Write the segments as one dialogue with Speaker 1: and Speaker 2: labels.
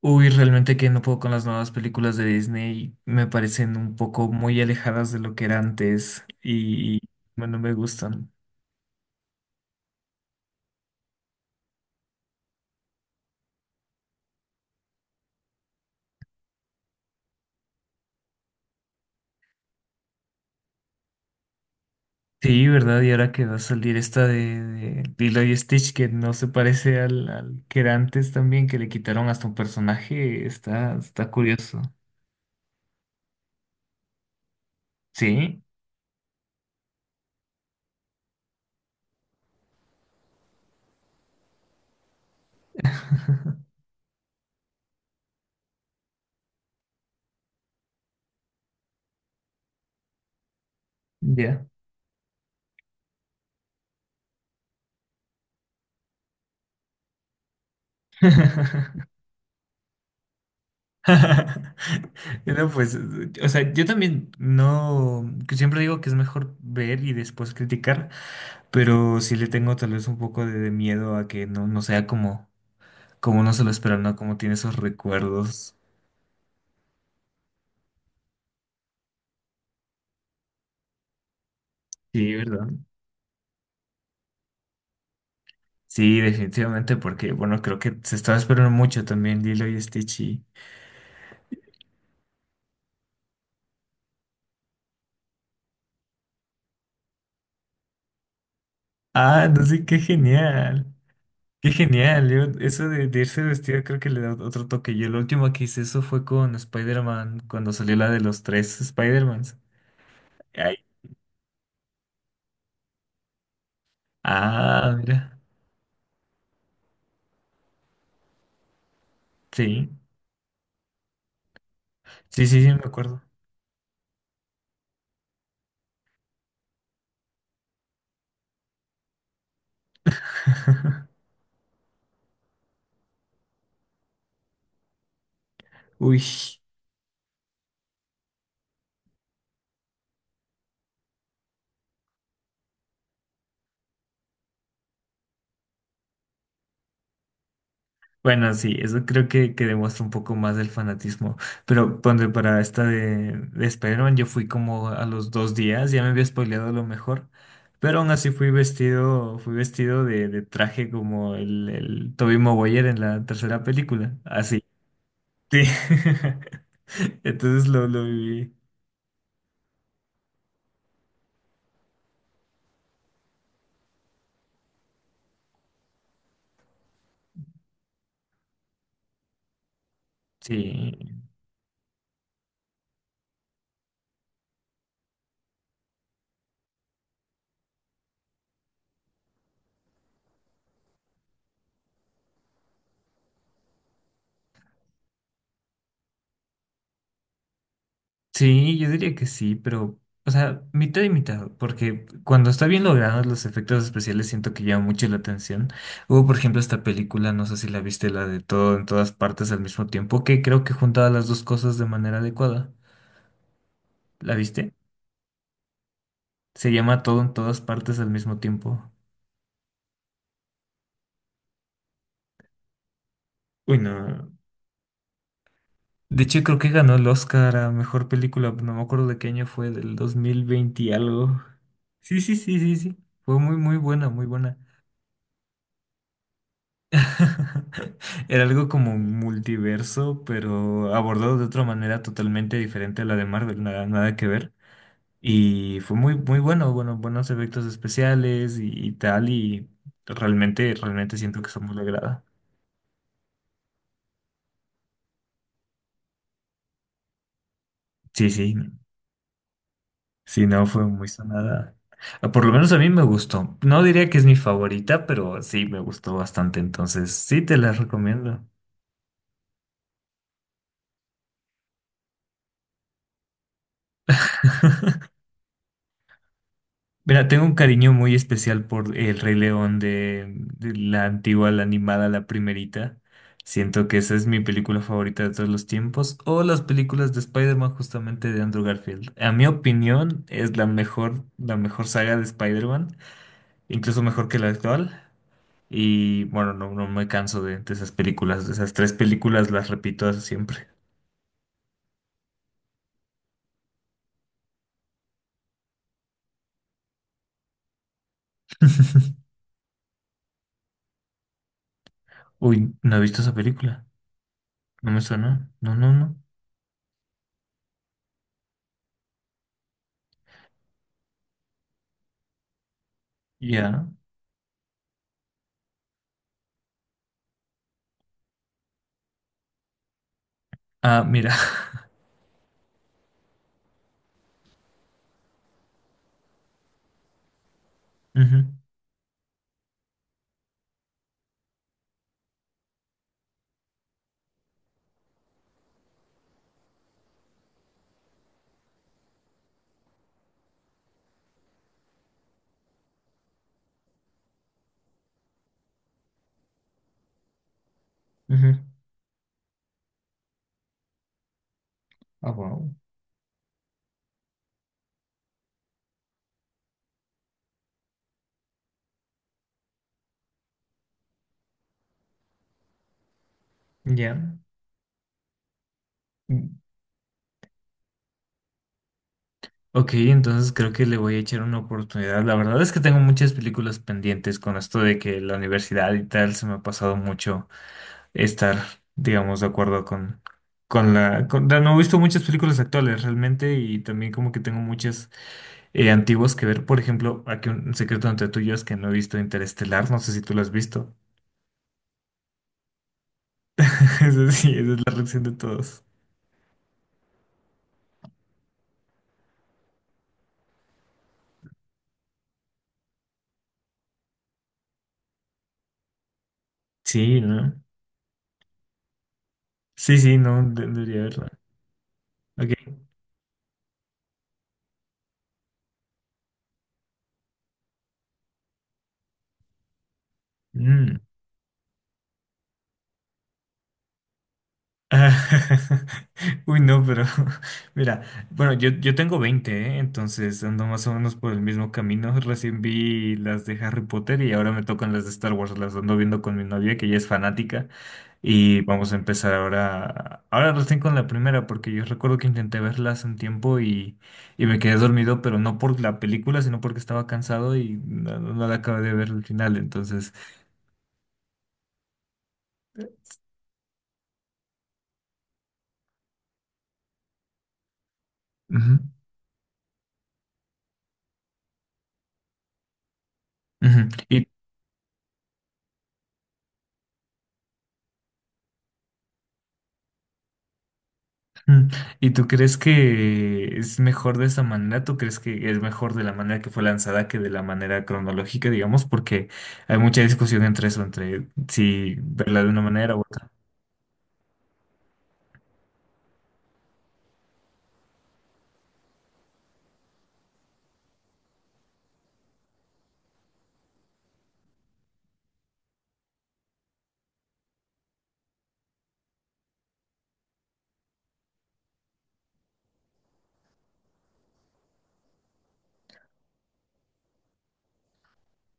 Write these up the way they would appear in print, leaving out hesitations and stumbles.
Speaker 1: Uy, realmente que no puedo con las nuevas películas de Disney, me parecen un poco muy alejadas de lo que era antes y bueno, me gustan. Sí, ¿verdad? Y ahora que va a salir esta de Lilo y Stitch que no se parece al que era antes también, que le quitaron hasta un personaje, está curioso. Sí, ya. No, pues, o sea, yo también no, que siempre digo que es mejor ver y después criticar. Pero sí le tengo tal vez un poco de miedo a que no, no sea como, como uno se lo espera, ¿no? Como tiene esos recuerdos. Sí, ¿verdad? Sí, definitivamente, porque bueno, creo que se estaba esperando mucho también Lilo y Stitch. Y- ah, no sé, qué genial. Qué genial. Yo, eso de irse vestido creo que le da otro toque. Yo lo último que hice eso fue con Spider-Man, cuando salió la de los tres Spider-Mans. Ay. Ah, mira. Sí. Sí, sí, sí, me acuerdo. Uy. Bueno, sí, eso creo que demuestra un poco más del fanatismo. Pero ponte para esta de Spider-Man, yo fui como a los dos días, ya me había spoileado lo mejor. Pero aún así fui vestido de traje como el Tobey Maguire en la tercera película. Así. Sí. Entonces lo viví. Sí. Sí, yo diría que sí, pero, o sea, mitad y mitad, porque cuando está bien logrado los efectos especiales siento que llaman mucho la atención. Hubo, por ejemplo, esta película, no sé si la viste, la de todo en todas partes al mismo tiempo, que creo que juntaba las dos cosas de manera adecuada. ¿La viste? Se llama Todo en todas partes al mismo tiempo. Uy, no. De hecho, creo que ganó el Oscar a mejor película, no me acuerdo de qué año fue, del 2020 y algo. Sí, sí, sí, sí, sí. Fue muy, muy buena, muy buena. Era algo como un multiverso, pero abordado de otra manera totalmente diferente a la de Marvel, nada, nada que ver. Y fue muy, muy bueno, bueno, buenos efectos especiales y tal, y realmente, realmente siento que eso me agrada. Sí, sí, sí, no fue muy sonada. Ah, por lo menos a mí me gustó. No diría que es mi favorita, pero sí me gustó bastante, entonces sí te la recomiendo. Mira, tengo un cariño muy especial por El Rey León de la antigua, la animada, la primerita. Siento que esa es mi película favorita de todos los tiempos. O las películas de Spider-Man justamente de Andrew Garfield. A mi opinión es la mejor saga de Spider-Man, incluso mejor que la actual. Y bueno, no, no me canso de esas películas, de esas tres películas las repito hasta siempre. Uy, no he visto esa película. No me suena. No, no, no. Ya. Ah, mira. Ujú, ujú. Ah, wow. Ya. Mm, ok, entonces creo que le voy a echar una oportunidad. La verdad es que tengo muchas películas pendientes con esto de que la universidad y tal se me ha pasado mucho estar, digamos, de acuerdo con la... con- no he visto muchas películas actuales realmente y también como que tengo muchas antiguas que ver. Por ejemplo, aquí un secreto entre tú y yo es que no he visto Interestelar, no sé si tú lo has visto. Eso sí, esa es la reacción de todos. Sí, ¿no? Sí, sí, no, de- debería verla. Ok. Mm. Ah, uy, no, pero mira, bueno, yo tengo 20 ¿eh? Entonces ando más o menos por el mismo camino. Recién vi las de Harry Potter y ahora me tocan las de Star Wars. Las ando viendo con mi novia, que ella es fanática. Y vamos a empezar ahora, ahora recién con la primera, porque yo recuerdo que intenté verlas un tiempo y me quedé dormido, pero no por la película, sino porque estaba cansado y no, no la acabé de ver al final. Entonces, ujú, ujú. ¿Y mm. ¿Y tú crees que es mejor de esa manera? ¿Tú crees que es mejor de la manera que fue lanzada que de la manera cronológica, digamos? Porque hay mucha discusión entre eso, entre si verla de una manera u otra.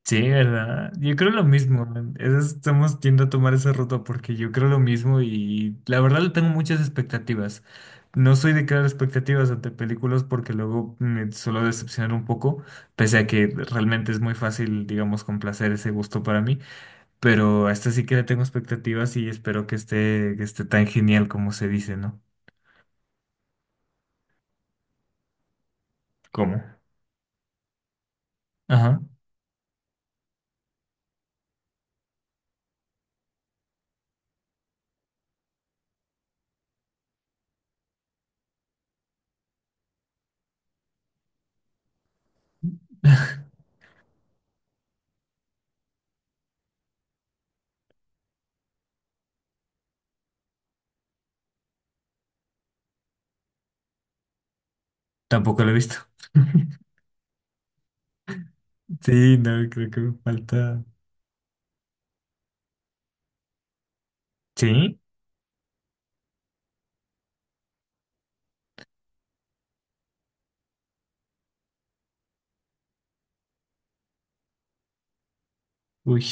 Speaker 1: Sí, ¿verdad? Yo creo lo mismo. Eso es- estamos yendo a tomar esa ruta porque yo creo lo mismo y la verdad le tengo muchas expectativas. No soy de crear expectativas ante películas porque luego me suelo decepcionar un poco, pese a que realmente es muy fácil, digamos, complacer ese gusto para mí. Pero a esta sí que le tengo expectativas y espero que esté tan genial como se dice, ¿no? ¿Cómo? Ajá. Tampoco lo he visto. Sí, no, creo que me falta. ¿Sí? Uy.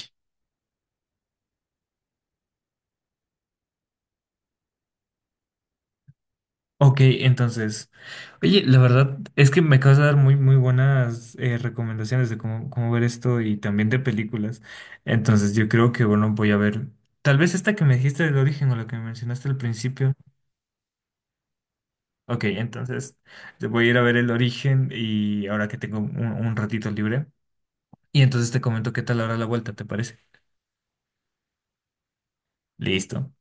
Speaker 1: Ok, entonces. Oye, la verdad es que me acabas de dar muy, muy buenas recomendaciones de cómo, cómo ver esto y también de películas. Entonces, yo creo que, bueno, voy a ver. Tal vez esta que me dijiste del origen o la que me mencionaste al principio. Ok, entonces te voy a ir a ver el origen y ahora que tengo un ratito libre. Y entonces te comento qué tal ahora la vuelta, ¿te parece? Listo.